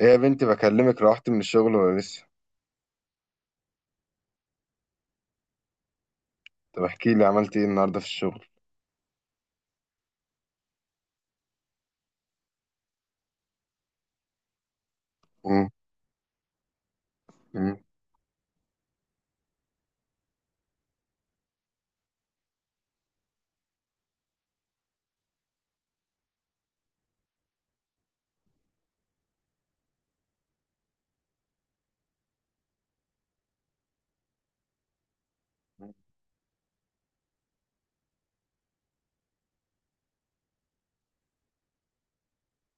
ايه يا بنتي، بكلمك، روحت من الشغل ولا لسه؟ طب احكي لي، عملت ايه النهارده في الشغل؟ امم امم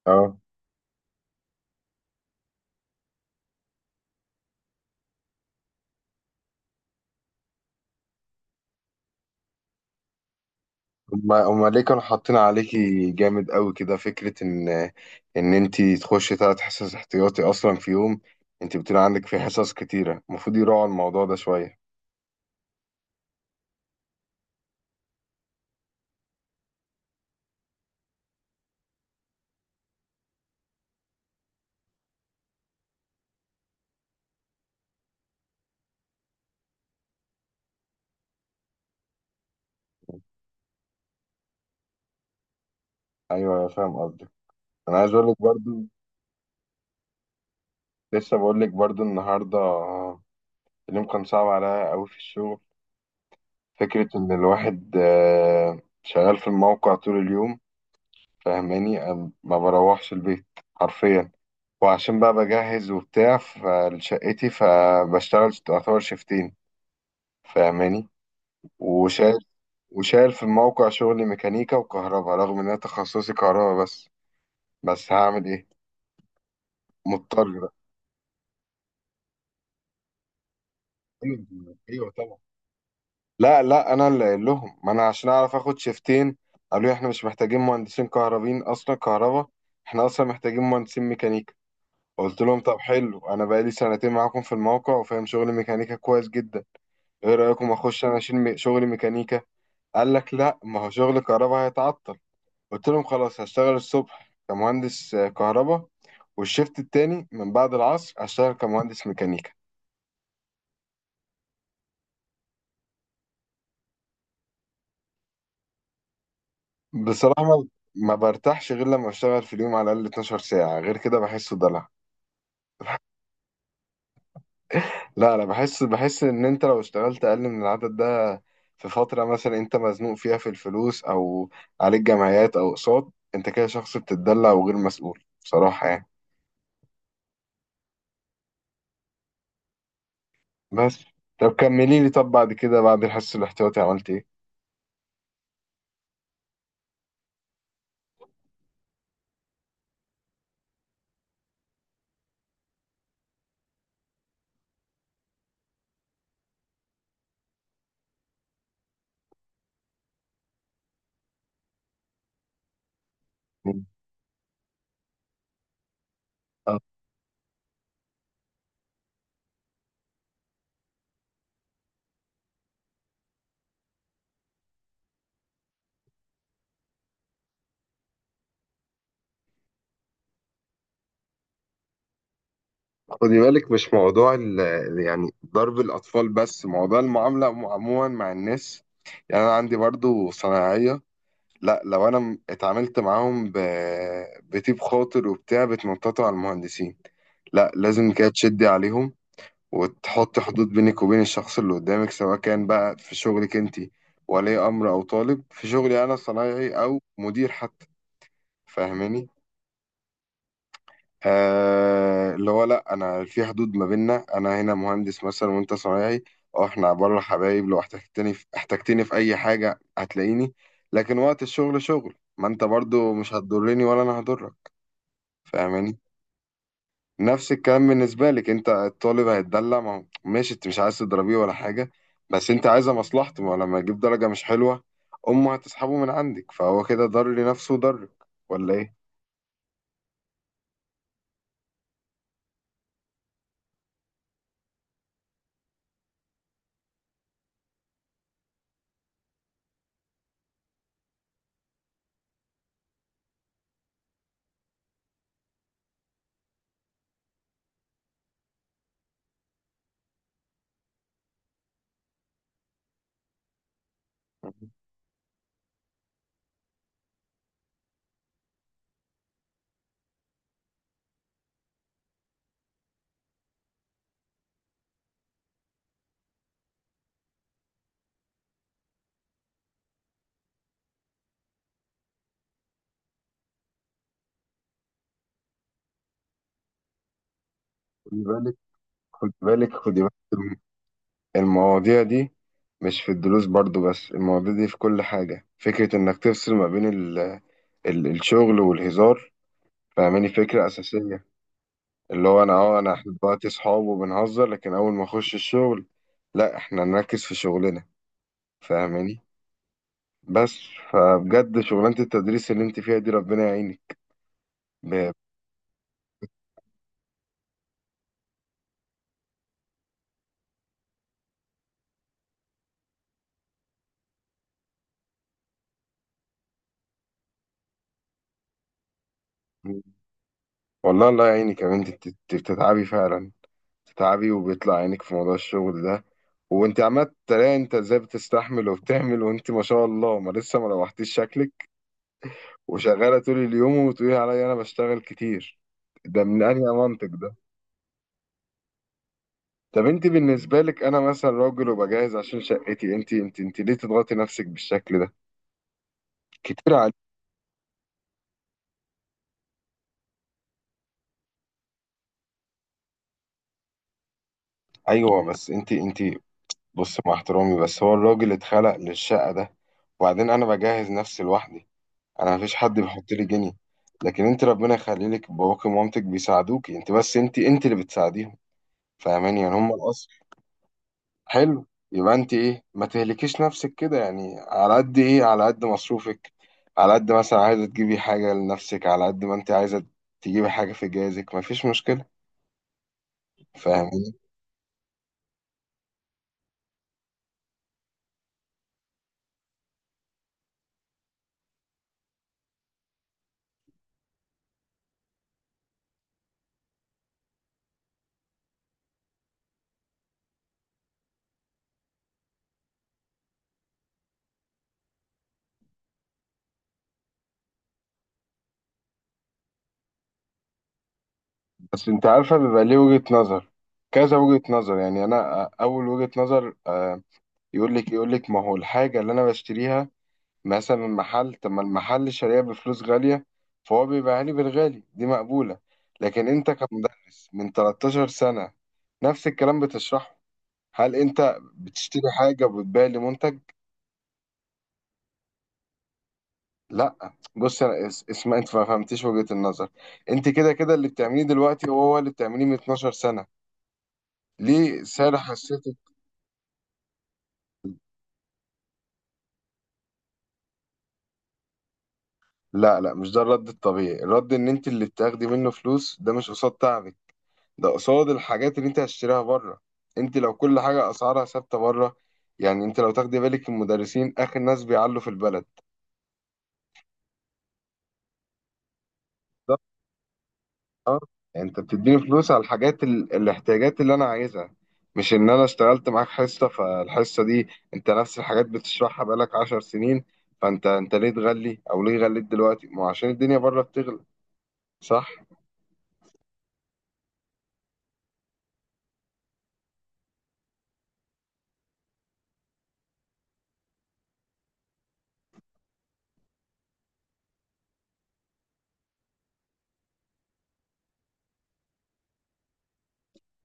اه. هما ليه كانوا حاطين عليكي جامد قوي كده، فكره ان انتي تخشي 3 حصص احتياطي اصلا في يوم؟ انتي بتقولي عندك في حصص كتيره، المفروض يراعوا الموضوع ده شويه. ايوه، أنا فاهم قصدك. انا عايز اقول لك برضو، لسه بقول لك برضو النهارده، اليوم كان صعب عليا قوي في الشغل، فكره ان الواحد شغال في الموقع طول اليوم. فاهماني؟ ما بروحش البيت، حرفيا. وعشان بقى بجهز وبتاع فلشقتي، فبشتغل تعتبر شيفتين. فاهماني؟ وشايل وشايل في الموقع، شغلي ميكانيكا وكهرباء، رغم ان انا تخصصي كهرباء، بس هعمل ايه؟ مضطر بقى. ايوه، أيوة طبعا. لا لا، انا اللي قايل لهم، ما انا عشان اعرف اخد شيفتين. قالوا لي احنا مش محتاجين مهندسين كهربين اصلا، كهرباء، احنا اصلا محتاجين مهندسين ميكانيكا. قلت لهم طب حلو، انا بقالي سنتين معاكم في الموقع وفاهم شغل ميكانيكا كويس جدا. ايه رايكم اخش انا اشيل شغل ميكانيكا؟ قال لك لا، ما هو شغل كهرباء هيتعطل. قلت لهم خلاص، هشتغل الصبح كمهندس كهرباء، والشيفت التاني من بعد العصر هشتغل كمهندس ميكانيكا. بصراحة، ما برتاحش غير لما اشتغل في اليوم على الاقل 12 ساعة، غير كده بحسه دلع. لا لا، بحس ان انت لو اشتغلت اقل من العدد ده في فترة مثلا انت مزنوق فيها في الفلوس، او عليك جمعيات او اقساط، انت كده شخص بتتدلع وغير مسؤول بصراحة يعني. بس، طب كملي لي، طب بعد كده بعد الحس الاحتياطي عملت ايه؟ مم. آه، خدي بالك، مش موضوع يعني ضرب الأطفال، بس موضوع المعاملة عموما مع الناس. يعني أنا عندي برضو صنايعية، لا لو أنا اتعاملت معاهم بطيب خاطر وبتاع، بتنططوا على المهندسين. لا، لازم كده تشدي عليهم وتحط حدود بينك وبين الشخص اللي قدامك، سواء كان بقى في شغلك انت ولي امر او طالب، في شغلي انا صنايعي او مدير حتى. فاهماني؟ آه، اللي هو لا، انا في حدود ما بيننا، انا هنا مهندس مثلا وانت صنايعي، اه احنا بره حبايب، لو احتجتني في اي حاجه هتلاقيني، لكن وقت الشغل شغل، ما انت برضو مش هتضرني ولا انا هضرك. فاهماني؟ نفس الكلام بالنسبة لك، انت الطالب هيتدلع، ما هو- ماشي انت مش عايز تضربيه ولا حاجة، بس انت عايزة مصلحته، ما هو لما يجيب درجة مش حلوة امه هتسحبه من عندك، فهو كده ضر لنفسه وضرك، ولا ايه؟ خدي بالك، خدي بالك، خدي بالك، المواضيع دي مش في الدروس برضو بس، المواضيع دي في كل حاجة، فكرة انك تفصل ما بين ال ال الشغل والهزار. فاهماني؟ فكرة أساسية، اللي هو، انا اه انا احنا دلوقتي صحاب وبنهزر، لكن اول ما اخش الشغل لا احنا نركز في شغلنا. فاهماني؟ بس. فبجد شغلانة التدريس اللي انت فيها دي، ربنا يعينك. ب... والله، الله يعينك يا بنتي، بتتعبي فعلا. بتتعبي وبيطلع عينك في موضوع الشغل ده، وانت عمال تلاقي، انت ازاي بتستحمل وبتعمل؟ وانت ما شاء الله، ما لسه ما روحتيش شكلك وشغالة طول اليوم، وتقولي عليا انا بشتغل كتير، ده من انهي منطق ده؟ طب انت بالنسبة لك، انا مثلا راجل وبجهز عشان شقتي، انت ليه تضغطي نفسك بالشكل ده؟ كتير عليك. ايوه، بس انت، بص، مع احترامي، بس هو الراجل اتخلق للشقة ده، وبعدين أنا بجهز نفسي لوحدي، أنا مفيش حد بيحط لي جنيه، لكن أنت ربنا يخليلك باباك ومامتك بيساعدوك أنت، بس أنت اللي بتساعديهم، فاهماني؟ يعني هم الأصل. حلو، يبقى أنت إيه؟ ما تهلكيش نفسك كده يعني، على قد إيه، على قد مصروفك، على قد مثلا عايزة تجيبي حاجة لنفسك، على قد ما أنت عايزة تجيبي حاجة في جهازك، مفيش مشكلة. فاهماني؟ بس انت عارفه بيبقى ليه وجهه نظر، كذا وجهه نظر. يعني انا، اول وجهه نظر، يقول لك ما هو الحاجه اللي انا بشتريها مثلا من محل، طب ما المحل شاريها بفلوس غاليه فهو بيبيعها لي بالغالي، دي مقبوله. لكن انت كمدرس من 13 سنه نفس الكلام بتشرحه، هل انت بتشتري حاجه وبتبيع لي منتج؟ لا بص، انا اسمع، انت ما فهمتيش وجهه النظر، انت كده كده اللي بتعمليه دلوقتي هو هو اللي بتعمليه من 12 سنه، ليه سعر حسيت؟ لا لا، مش ده الرد الطبيعي. الرد ان انت اللي بتاخدي منه فلوس، ده مش قصاد تعبك، ده قصاد الحاجات اللي انت هتشتريها بره. انت لو كل حاجة اسعارها ثابتة بره، يعني انت لو تاخدي بالك المدرسين اخر ناس بيعلوا في البلد. بالظبط. اه، يعني انت بتديني فلوس على الحاجات، الاحتياجات اللي انا عايزها، مش ان انا اشتغلت معاك حصة فالحصة دي، انت نفس الحاجات بتشرحها بقالك 10 سنين، فانت ليه تغلي او ليه غليت دلوقتي؟ ما هو عشان الدنيا بره بتغلى. صح.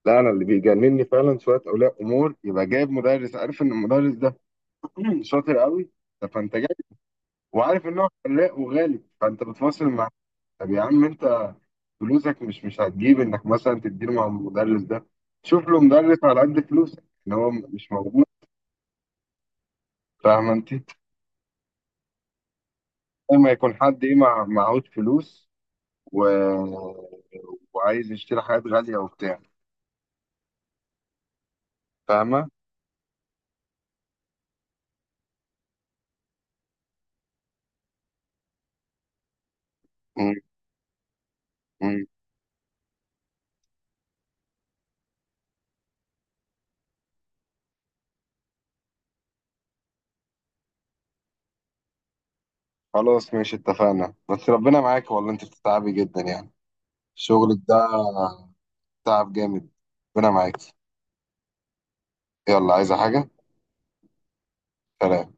لا، انا اللي بيجنني فعلا شويه اولياء امور، يبقى جايب مدرس عارف ان المدرس ده شاطر قوي. طب فانت جاي وعارف ان هو فلاق وغالي، فانت بتفاصل معاه. طب يا عم انت، فلوسك مش هتجيب انك مثلا تديله مع المدرس ده، شوف له مدرس على قد فلوسك ان هو مش موجود. فاهم انت؟ لما يكون حد ايه، معهوش فلوس، و... وعايز يشتري حاجات غاليه وبتاع. فاهمه؟ م- م. خلاص ماشي، اتفقنا. بس ربنا معاك والله، انت بتتعبي جدا يعني، شغلك ده تعب جامد. ربنا معاكي. يلا، عايزة حاجة؟ سلام.